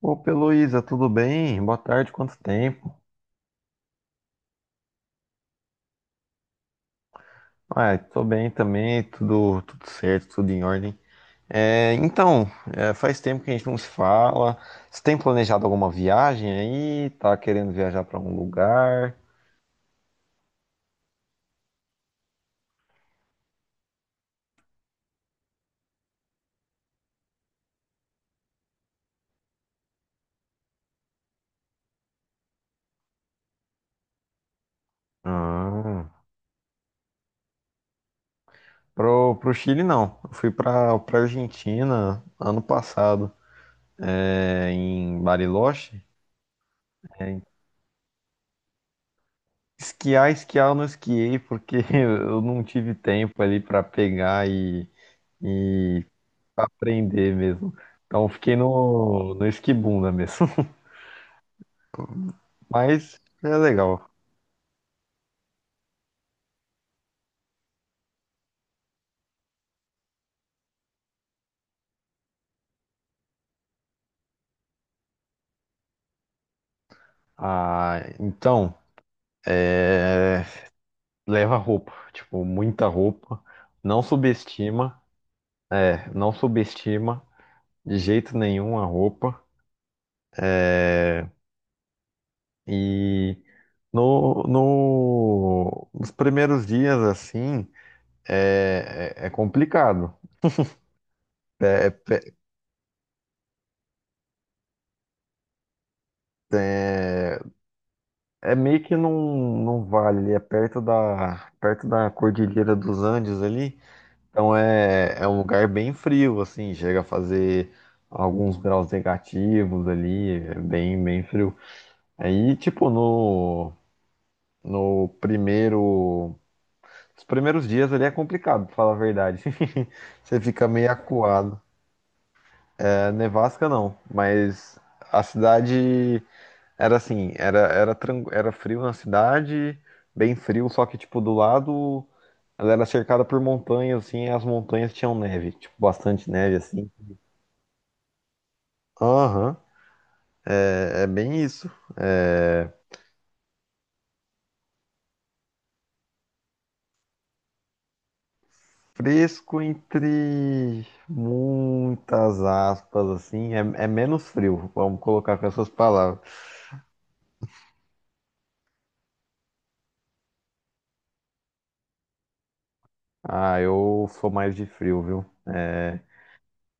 Opa, Heloísa, tudo bem? Boa tarde, quanto tempo? Ah, tô bem também, tudo certo, tudo em ordem. Então, faz tempo que a gente não se fala. Você tem planejado alguma viagem aí? Tá querendo viajar para algum lugar? Ah, pro Chile não. Eu fui pra Argentina ano passado, em Bariloche. É, Esquiar, esquiar eu não esquiei porque eu não tive tempo ali para pegar e Pra aprender mesmo. Então fiquei no esquibunda mesmo. Mas é legal. Ah, então, é, leva roupa, tipo, muita roupa. Não subestima, não subestima de jeito nenhum a roupa. É, e no, no, nos primeiros dias, assim, é complicado. É, é, é, É meio que num vale, ali é perto da Cordilheira dos Andes ali. Então é um lugar bem frio, assim, chega a fazer alguns graus negativos ali, é bem, bem frio. Aí, tipo, no, no primeiro, os primeiros dias ali é complicado, pra falar a verdade. Você fica meio acuado. Nevasca não, mas a cidade Era assim, era, era, tran- era frio na cidade, bem frio, só que, tipo, do lado ela era cercada por montanhas, assim, e as montanhas tinham neve, tipo, bastante neve, assim. Aham, é bem isso. É fresco entre muitas aspas, assim, é menos frio, vamos colocar com essas palavras. Ah, eu sou mais de frio, viu? É,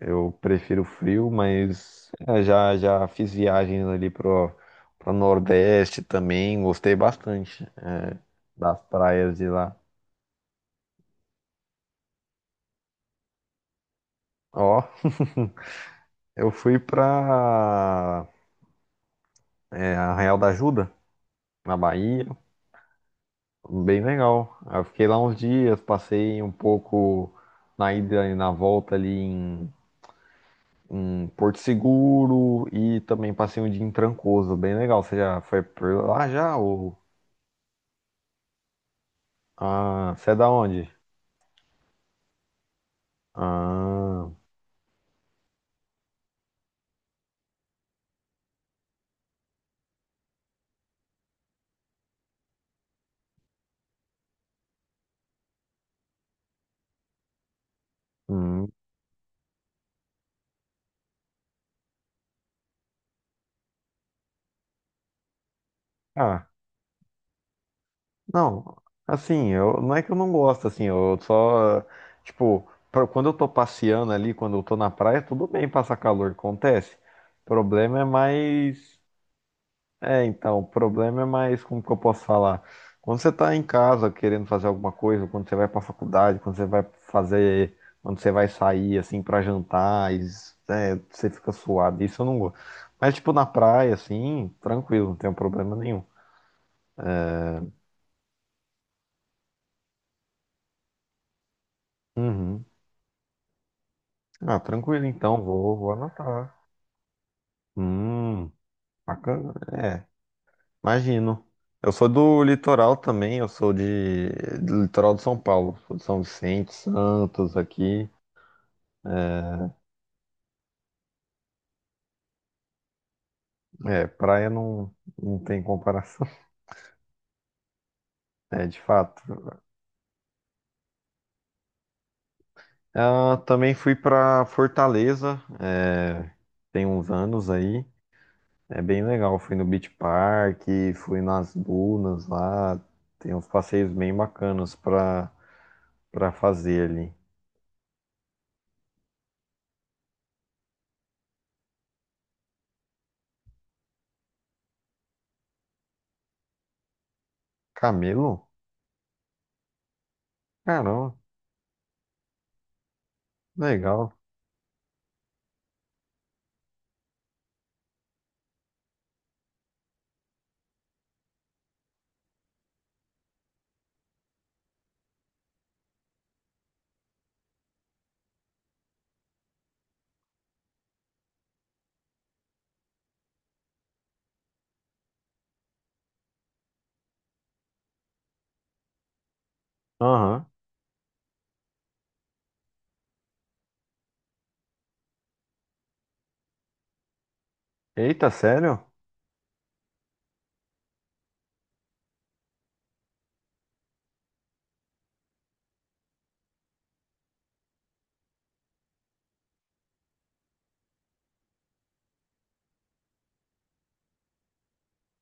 Eu prefiro frio, mas já já fiz viagens ali pro Nordeste também, gostei bastante, das praias de lá. Ó, eu fui pra Arraial da Ajuda, na Bahia, bem legal. Eu fiquei lá uns dias, passei um pouco na ida e na volta ali em Porto Seguro e também passei um dia em Trancoso, bem legal. Você já foi por lá já? Ou, ah, você é da onde? Ah, hum, ah, não, assim, não é que eu não gosto, assim, eu só, tipo, quando eu tô passeando ali, quando eu tô na praia, tudo bem passar calor, acontece. O problema é mais, o problema é mais, como que eu posso falar? Quando você tá em casa querendo fazer alguma coisa, quando você vai pra faculdade, quando você vai sair, assim, pra jantar, e, você fica suado, isso eu não gosto. Mas, tipo, na praia, assim, tranquilo, não tem problema nenhum. Uhum. Ah, tranquilo então, vou anotar. Hum, bacana. É, imagino. Eu sou do litoral também, do litoral de São Paulo, sou de São Vicente, Santos aqui. É, praia não, não tem comparação, de fato. Ah, também fui pra Fortaleza, tem uns anos aí, é bem legal. Fui no Beach Park, fui nas dunas lá, tem uns passeios bem bacanas pra fazer ali. Camelo? Caramba, legal. Aham. Eita, sério?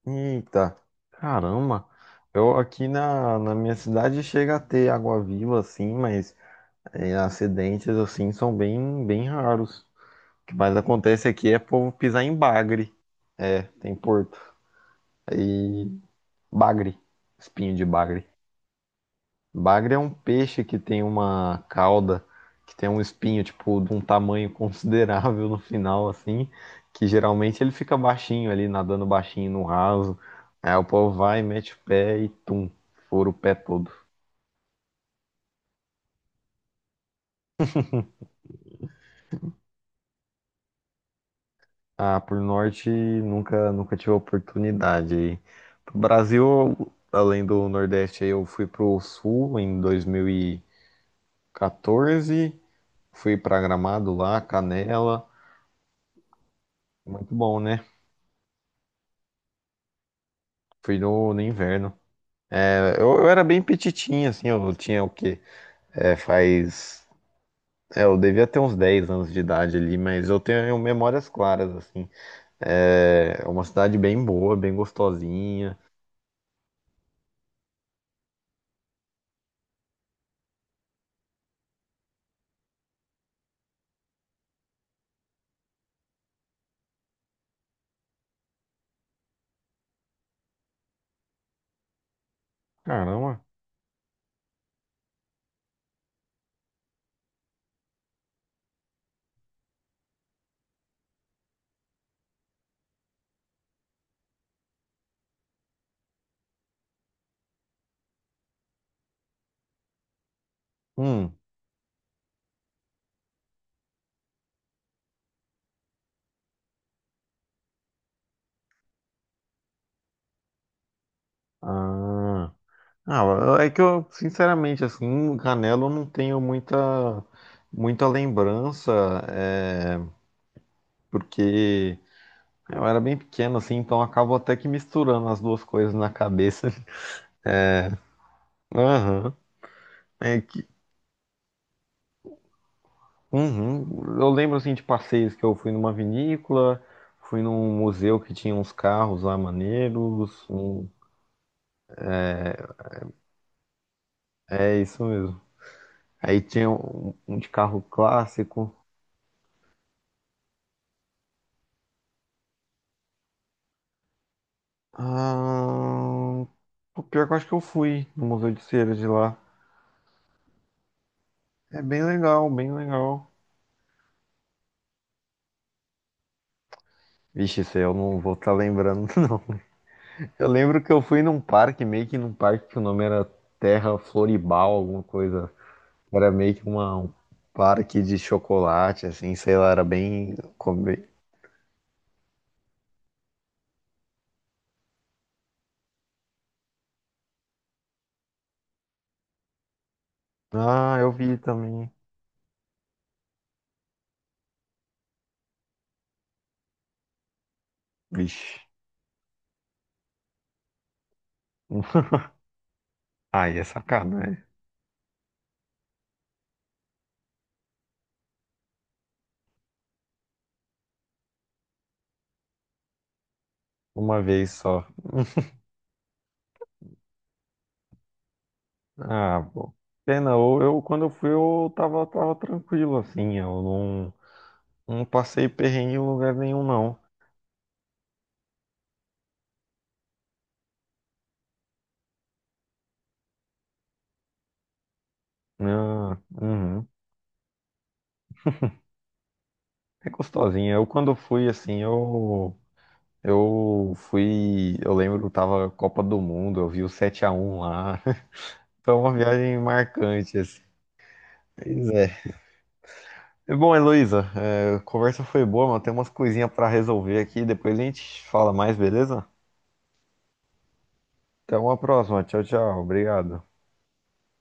Eita, caramba. Eu aqui na minha cidade chega a ter água viva, assim, mas, acidentes assim são bem, bem raros. O que mais acontece aqui é povo pisar em bagre. É, tem porto. Aí, bagre, espinho de bagre. Bagre é um peixe que tem uma cauda, que tem um espinho, tipo, de um tamanho considerável no final, assim, que geralmente ele fica baixinho ali, nadando baixinho no raso. Aí o povo vai, mete o pé e tum, fura o pé todo. Ah, pro norte nunca tive oportunidade aí. Pro Brasil, além do Nordeste, aí eu fui pro Sul em 2014, fui pra Gramado lá, Canela, muito bom, né? Fui no inverno. Eu era bem petitinho, assim, eu tinha o quê? É, faz. Eu devia ter uns 10 anos de idade ali, mas eu tenho memórias claras, assim. É uma cidade bem boa, bem gostosinha. Caramba. Hum. Ah. Ah, é que eu, sinceramente, assim, Canela eu não tenho muita, muita lembrança, é, porque eu era bem pequeno, assim, então eu acabo até que misturando as duas coisas na cabeça. Aham. É que Uhum. Eu lembro assim de passeios que eu fui numa vinícola, fui num museu que tinha uns carros lá maneiros. É isso mesmo. Aí tinha um de carro clássico. Ah, o pior que eu acho que eu fui no Museu de Cera de lá. É bem legal, bem legal. Vixe, isso aí eu não vou estar lembrando, não. Eu lembro que eu fui meio que num parque que o nome era Terra Floribal, alguma coisa. Era meio que um parque de chocolate, assim, sei lá, era bem. Ah, eu vi também. Vixe. Ai, é sacanagem. Uma vez só. Ah, pô. Pena, quando eu fui eu tava tranquilo, assim, eu não passei perrengue em lugar nenhum, não. Ah, uhum. É gostosinha. Eu quando fui, assim, eu fui, eu lembro, tava Copa do Mundo, eu vi o 7x1 lá. Foi uma viagem marcante, assim. Pois é. Bom, Heloísa, a conversa foi boa, mas tem umas coisinhas para resolver aqui. Depois a gente fala mais, beleza? Até uma próxima. Tchau, tchau. Obrigado.